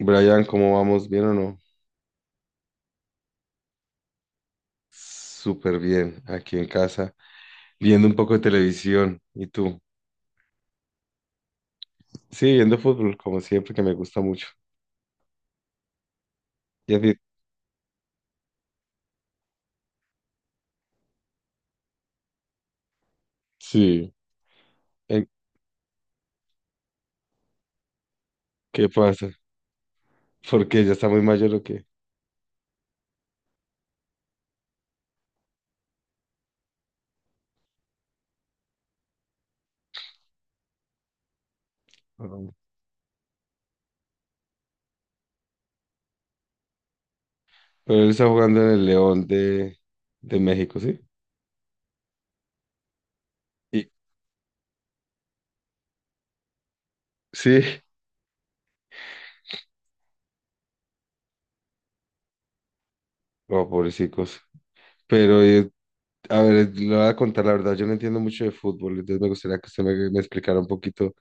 Brian, ¿cómo vamos? ¿Bien o no? Súper bien, aquí en casa, viendo un poco de televisión. ¿Y tú? Sí, viendo fútbol, como siempre, que me gusta mucho. Y así, sí, ¿en qué pasa? Porque ya está muy mayor o qué. Ah, pero él está jugando en el León de México, ¿sí? Y, sí, oh, pobrecicos. Pero, a ver, le voy a contar la verdad, yo no entiendo mucho de fútbol, entonces me gustaría que usted me explicara un poquito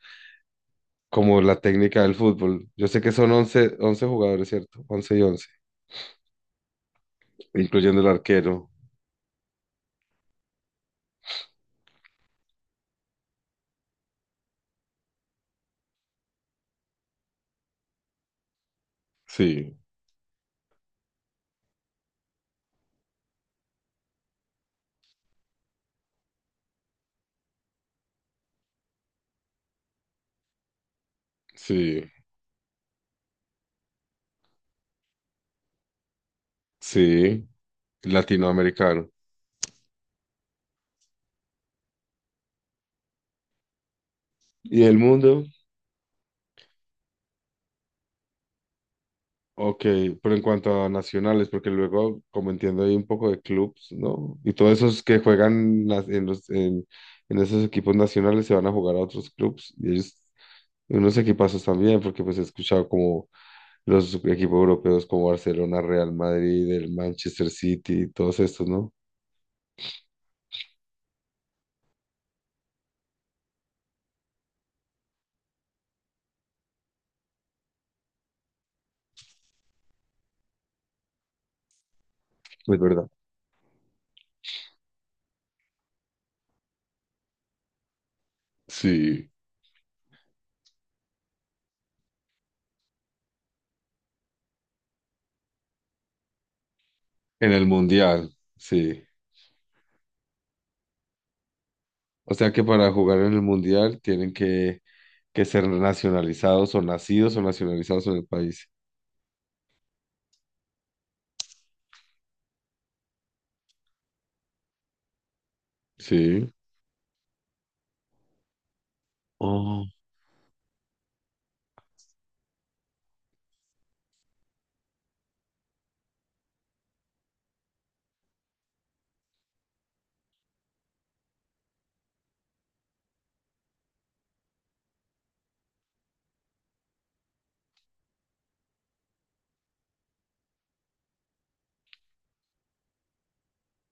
como la técnica del fútbol. Yo sé que son 11, 11 jugadores, ¿cierto? Once y 11, incluyendo el arquero. Sí, sí, sí, latinoamericano. ¿Y el mundo? Ok, pero en cuanto a nacionales, porque luego, como entiendo, hay un poco de clubs, ¿no? Y todos esos que juegan en esos equipos nacionales se van a jugar a otros clubs y ellos, unos equipazos también, porque pues he escuchado como los equipos europeos como Barcelona, Real Madrid, el Manchester City, todos estos, ¿no? Es verdad. Sí, en el mundial, sí. O sea que para jugar en el mundial tienen que ser nacionalizados o nacidos o nacionalizados en el país. Sí. Oh,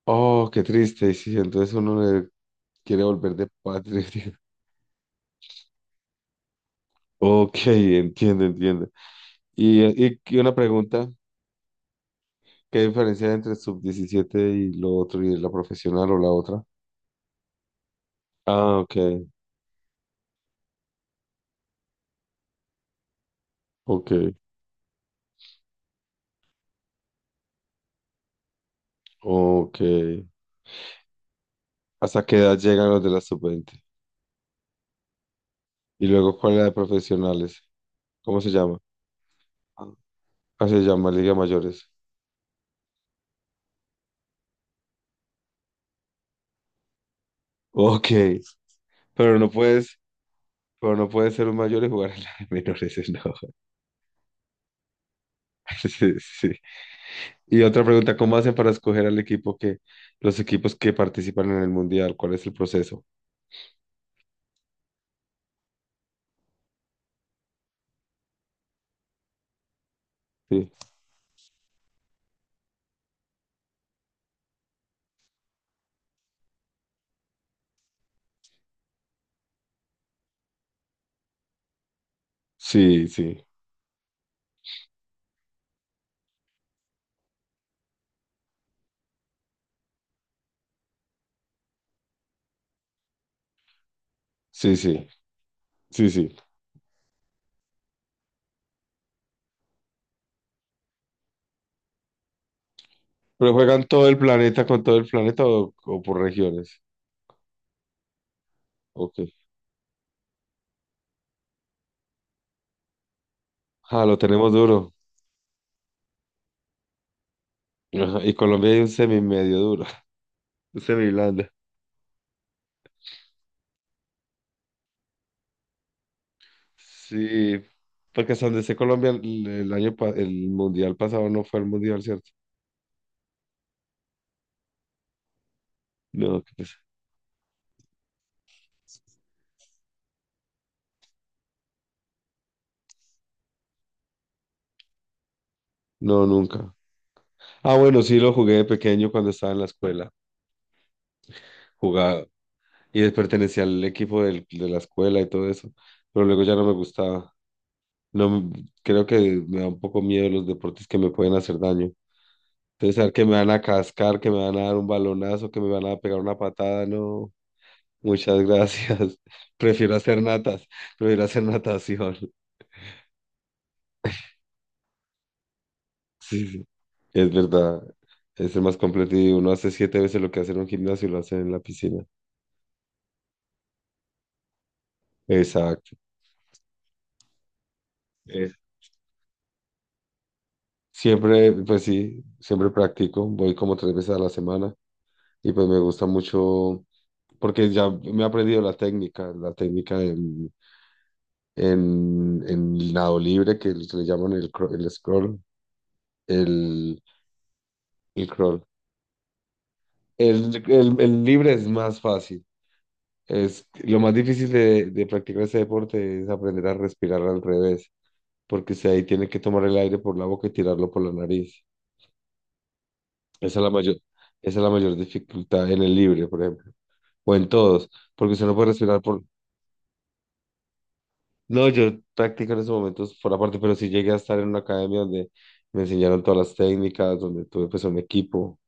oh, qué triste. Y sí, entonces uno le quiere volver de patria. Ok, entiendo, entiendo. Y una pregunta, ¿qué diferencia hay entre sub 17 y lo otro y la profesional o la otra? Ah, ok, ok, ok. ¿Hasta qué edad llegan los de la sub 20? Y luego, ¿cuál es la de profesionales? ¿Cómo se llama? Ah, se llama Liga Mayores. Ok, pero no puedes, pero no puedes ser un mayor y jugar en la de menores, no. Sí, sí. Y otra pregunta, ¿cómo hacen para escoger los equipos que participan en el mundial? ¿Cuál es el proceso? Sí, sí, sí, sí, sí, sí, sí. ¿Pero juegan todo el planeta con todo el planeta o por regiones? Ok. Ah, lo tenemos duro. Ajá, y Colombia hay un semi medio duro, un semi blando. Sí, porque hasta donde sé Colombia el mundial pasado no fue el mundial, ¿cierto? No, qué pesa- No, nunca. Ah, bueno, sí lo jugué de pequeño cuando estaba en la escuela. Jugaba y pertenecía al equipo de la escuela y todo eso, pero luego ya no me gustaba. No, creo que me da un poco miedo los deportes que me pueden hacer daño. Entonces, saber que me van a cascar, que me van a dar un balonazo, que me van a pegar una patada, no. Muchas gracias. Prefiero hacer natas, prefiero hacer natación. Sí, sí, es verdad. Es el más completo y uno hace siete veces lo que hace en un gimnasio y lo hace en la piscina. Exacto. Eh, Siempre, pues sí, siempre practico. Voy como tres veces a la semana y pues me gusta mucho porque ya me he aprendido la técnica en, en nado libre que le llaman el, el crawl. El libre es más fácil. Lo más difícil de practicar ese deporte es aprender a respirar al revés porque usted ahí tiene que tomar el aire por la boca y tirarlo por la nariz. Esa es la mayor, esa es la mayor dificultad en el libre, por ejemplo, o en todos, porque usted no puede respirar por... No, yo practico en esos momentos por aparte, pero sí llegué a estar en una academia donde me enseñaron todas las técnicas, donde tuve pues un equipo,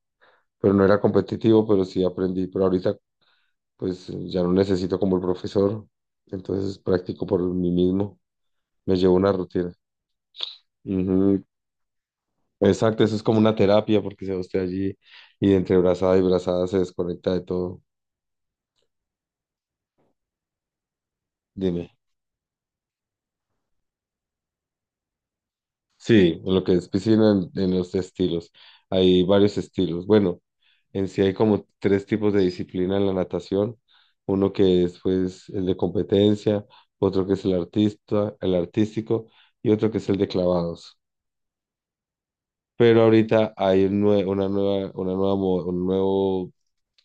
pero no era competitivo, pero sí aprendí, pero ahorita pues ya no necesito como el profesor, entonces practico por mí mismo, me llevo una rutina. Ujú, exacto, eso es como una terapia porque se va usted allí y entre brazada y brazada se desconecta de todo. Dime. Sí, en lo que es piscina, en los estilos. Hay varios estilos. Bueno, en sí hay como tres tipos de disciplina en la natación. Uno que es pues el de competencia, otro que es el artístico y otro que es el de clavados. Pero ahorita hay una nueva, mo- un nuevo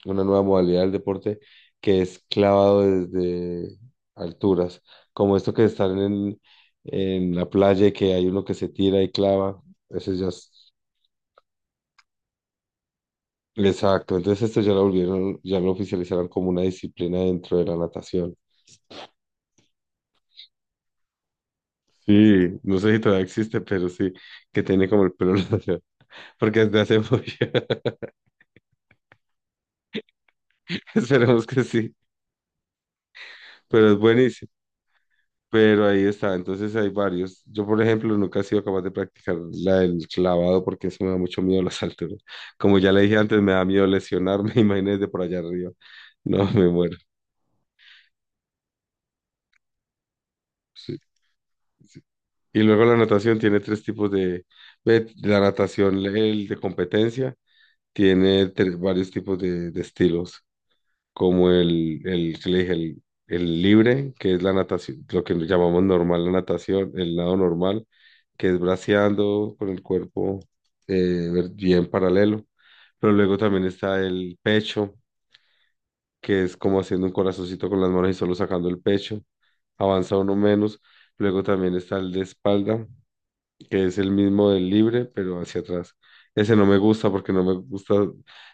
una nueva modalidad del deporte que es clavado desde alturas, como esto que están en la playa y que hay uno que se tira y clava, ese ya es. Exacto, entonces esto ya lo volvieron, ya lo oficializaron como una disciplina dentro de la natación. Sí, no sé si todavía existe, pero sí, que tiene como el pelo largo, porque desde hace mucho, esperemos que sí, pero es buenísimo. Pero ahí está, entonces hay varios. Yo, por ejemplo, nunca he sido capaz de practicar la del clavado porque eso me da mucho miedo a las alturas. Como ya le dije antes, me da miedo lesionarme, imagínese por allá arriba. No, me muero. Sí, sí. Y luego la natación tiene tres tipos de... ve, la natación, el de competencia, tiene varios tipos de estilos. Como que le dije, el libre, que es la natación, lo que llamamos normal la natación, el lado normal, que es braceando con el cuerpo bien paralelo. Pero luego también está el pecho, que es como haciendo un corazoncito con las manos y solo sacando el pecho, avanza uno menos. Luego también está el de espalda, que es el mismo del libre, pero hacia atrás. Ese no me gusta porque no me gusta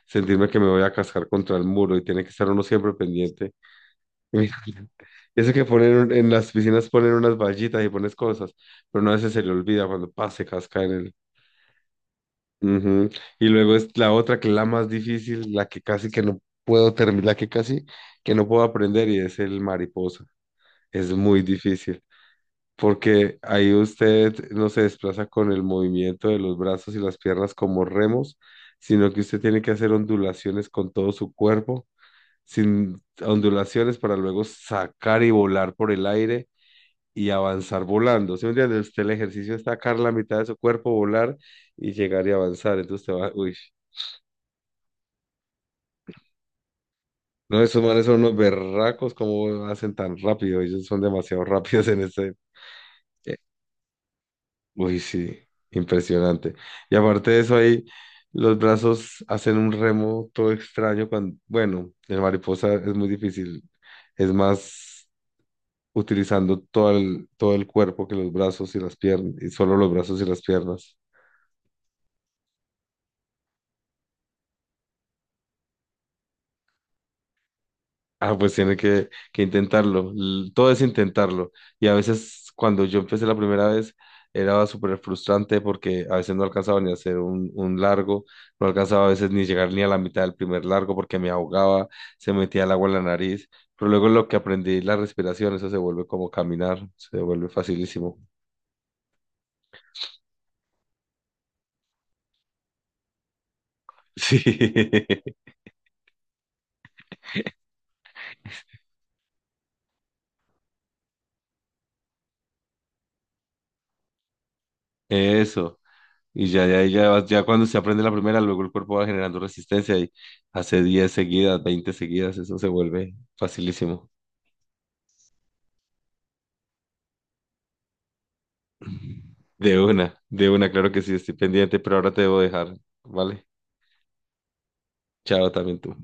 sentirme que me voy a cascar contra el muro y tiene que estar uno siempre pendiente. Imagínate. Eso que ponen en las piscinas ponen unas vallitas y pones cosas, pero no a veces se le olvida cuando pase, casca en el. Ujú. Y luego es la otra que es la más difícil, la que casi que no puedo terminar, la que casi que no puedo aprender y es el mariposa. Es muy difícil porque ahí usted no se desplaza con el movimiento de los brazos y las piernas como remos, sino que usted tiene que hacer ondulaciones con todo su cuerpo, sin ondulaciones para luego sacar y volar por el aire y avanzar volando. ¿Sí me entiendes? Usted el ejercicio es sacar la mitad de su cuerpo, volar y llegar y avanzar. Entonces te va, uy. No, esos manes son unos berracos, ¿cómo hacen tan rápido? Ellos son demasiado rápidos en ese. eh, Uy, sí, impresionante. Y aparte de eso, ahí los brazos hacen un remo todo extraño cuando, bueno, en mariposa es muy difícil. Es más utilizando todo el cuerpo que los brazos y las piernas, y solo los brazos y las piernas. Ah, pues tiene que intentarlo. Todo es intentarlo. Y a veces cuando yo empecé la primera vez era súper frustrante porque a veces no alcanzaba ni a hacer un largo, no alcanzaba a veces ni llegar ni a la mitad del primer largo porque me ahogaba, se metía el agua en la nariz. Pero luego lo que aprendí, la respiración, eso se vuelve como caminar, se vuelve facilísimo. Sí, eso. Y ya, ya, ya, ya cuando se aprende la primera, luego el cuerpo va generando resistencia y hace 10 seguidas, 20 seguidas, eso se vuelve facilísimo. De una, claro que sí, estoy pendiente, pero ahora te debo dejar, ¿vale? Chao también tú.